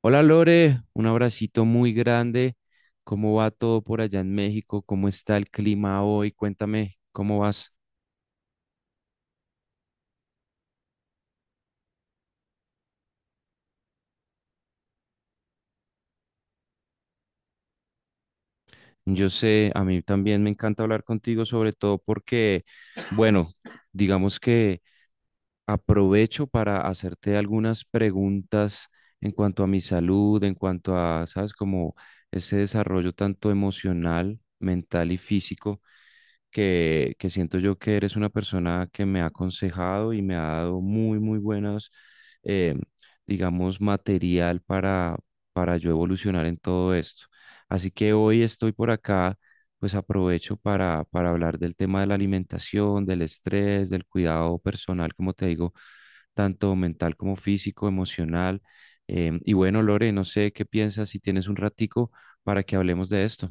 Hola Lore, un abracito muy grande. ¿Cómo va todo por allá en México? ¿Cómo está el clima hoy? Cuéntame, ¿cómo vas? Yo sé, a mí también me encanta hablar contigo, sobre todo porque, bueno, digamos que aprovecho para hacerte algunas preguntas en cuanto a mi salud, en cuanto a, ¿sabes? Como ese desarrollo tanto emocional, mental y físico que siento yo que eres una persona que me ha aconsejado y me ha dado muy, muy buenos, eh, digamos, material para yo evolucionar en todo esto. Así que hoy estoy por acá, pues aprovecho para hablar del tema de la alimentación, del estrés, del cuidado personal, como te digo, tanto mental como físico, emocional. Y bueno, Lore, no sé qué piensas si tienes un ratico para que hablemos de esto.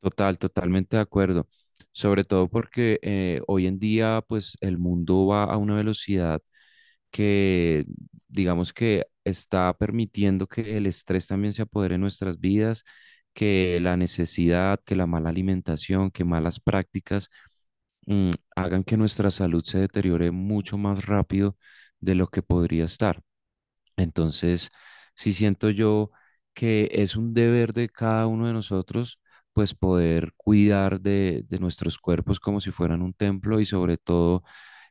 Total, totalmente de acuerdo. Sobre todo porque hoy en día, pues el mundo va a una velocidad que, digamos que está permitiendo que el estrés también se apodere en nuestras vidas, que la necesidad, que la mala alimentación, que malas prácticas hagan que nuestra salud se deteriore mucho más rápido de lo que podría estar. Entonces, sí siento yo que es un deber de cada uno de nosotros, pues poder cuidar de nuestros cuerpos como si fueran un templo y sobre todo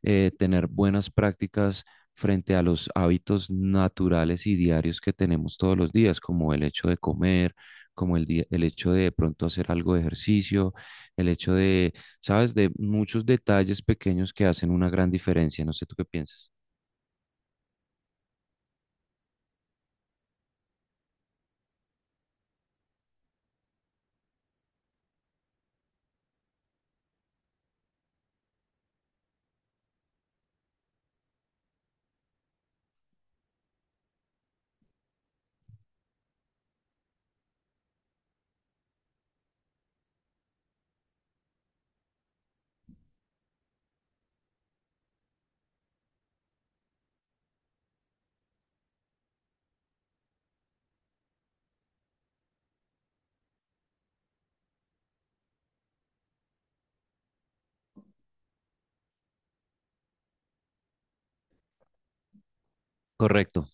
tener buenas prácticas frente a los hábitos naturales y diarios que tenemos todos los días, como el hecho de comer, como el hecho de pronto hacer algo de ejercicio, el hecho de, sabes, de muchos detalles pequeños que hacen una gran diferencia. No sé tú qué piensas. Correcto.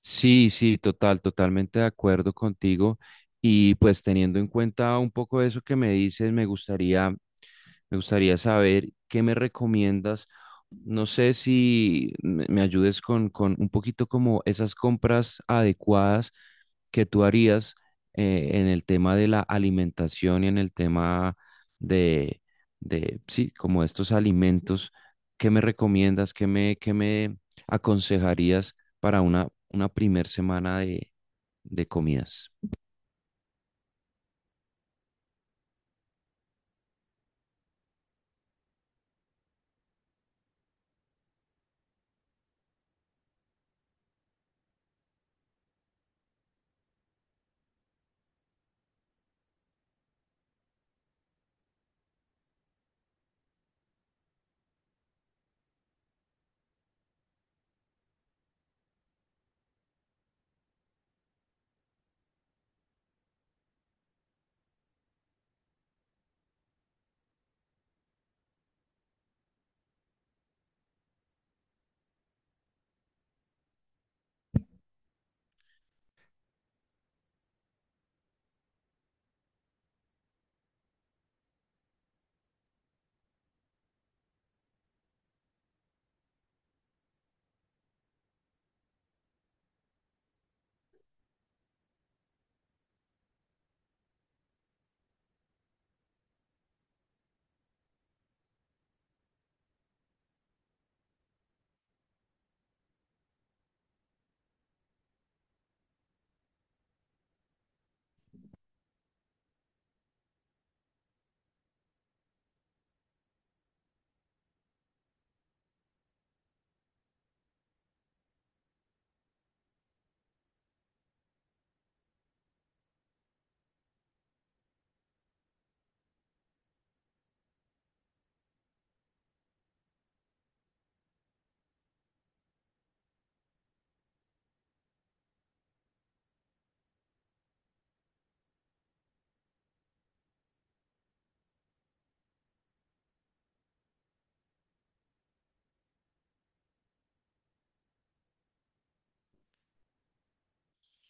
Sí, sí, total, totalmente de acuerdo contigo. Y pues teniendo en cuenta un poco eso que me dices, me gustaría saber qué me recomiendas. No sé si me ayudes con un poquito como esas compras adecuadas que tú harías, en el tema de la alimentación y en el tema de, de, sí, como estos alimentos. ¿Qué me recomiendas? ¿Qué me aconsejarías para una primer semana de comidas?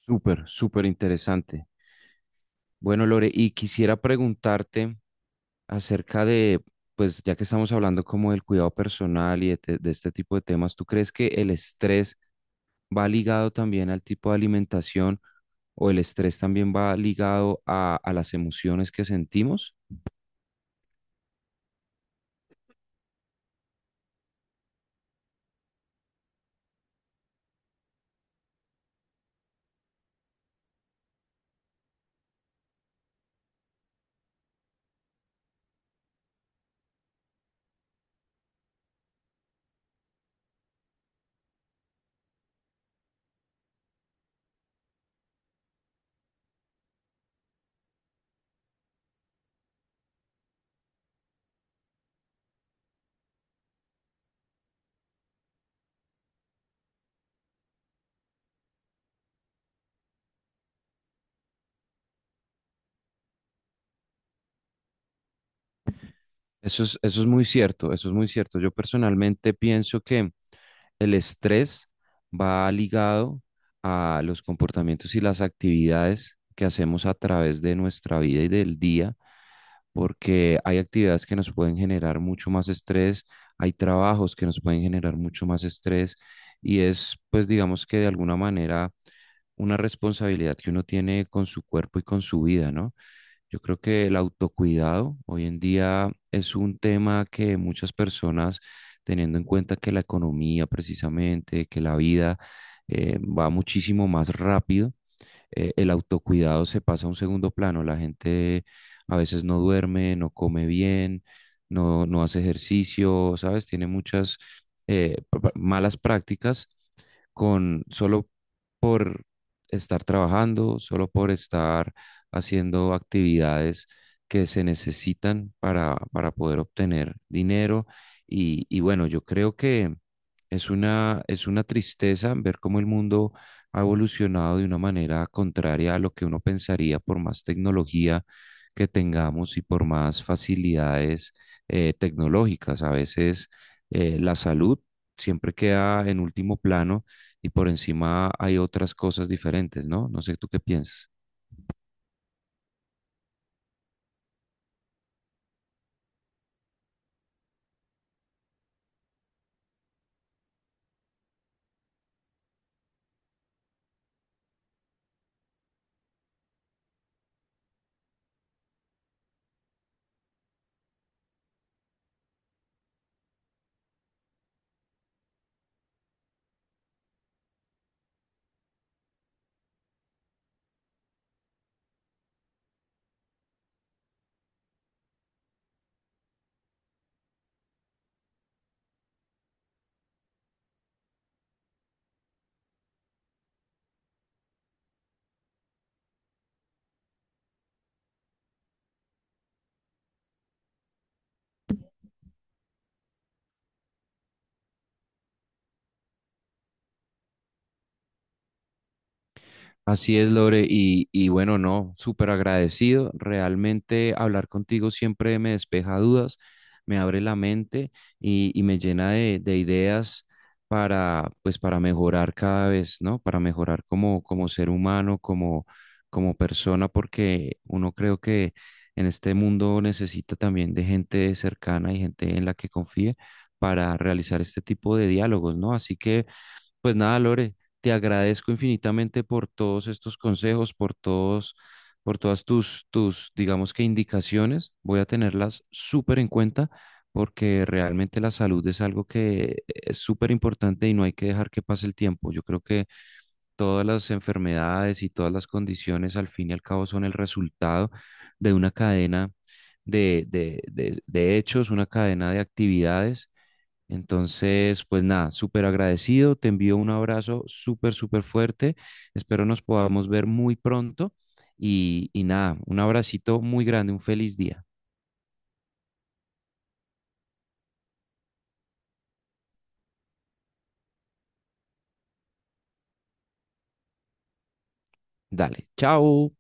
Súper, súper interesante. Bueno, Lore, y quisiera preguntarte acerca de, pues ya que estamos hablando como del cuidado personal y de este tipo de temas, ¿tú crees que el estrés va ligado también al tipo de alimentación o el estrés también va ligado a las emociones que sentimos? Eso es muy cierto, eso es muy cierto. Yo personalmente pienso que el estrés va ligado a los comportamientos y las actividades que hacemos a través de nuestra vida y del día, porque hay actividades que nos pueden generar mucho más estrés, hay trabajos que nos pueden generar mucho más estrés y es, pues digamos que de alguna manera una responsabilidad que uno tiene con su cuerpo y con su vida, ¿no? Yo creo que el autocuidado hoy en día es un tema que muchas personas, teniendo en cuenta que la economía precisamente, que la vida, va muchísimo más rápido, el autocuidado se pasa a un segundo plano. La gente a veces no duerme, no come bien, no hace ejercicio, ¿sabes? Tiene muchas malas prácticas con solo, por estar trabajando, solo por estar haciendo actividades que se necesitan para poder obtener dinero. Y bueno, yo creo que es es una tristeza ver cómo el mundo ha evolucionado de una manera contraria a lo que uno pensaría, por más tecnología que tengamos y por más facilidades, tecnológicas. A veces, la salud siempre queda en último plano y por encima hay otras cosas diferentes, ¿no? No sé, ¿tú qué piensas? Así es, Lore, y bueno, no, súper agradecido. Realmente hablar contigo siempre me despeja dudas, me abre la mente y me llena de ideas para, pues, para mejorar cada vez, ¿no? Para mejorar como, como ser humano, como, como persona, porque uno creo que en este mundo necesita también de gente cercana y gente en la que confíe para realizar este tipo de diálogos, ¿no? Así que... Pues nada, Lore, te agradezco infinitamente por todos estos consejos, por todos, por todas digamos que indicaciones. Voy a tenerlas súper en cuenta porque realmente la salud es algo que es súper importante y no hay que dejar que pase el tiempo. Yo creo que todas las enfermedades y todas las condiciones al fin y al cabo son el resultado de una cadena de hechos, una cadena de actividades. Entonces, pues nada, súper agradecido, te envío un abrazo súper, súper fuerte, espero nos podamos ver muy pronto y nada, un abracito muy grande, un feliz día. Dale, chao.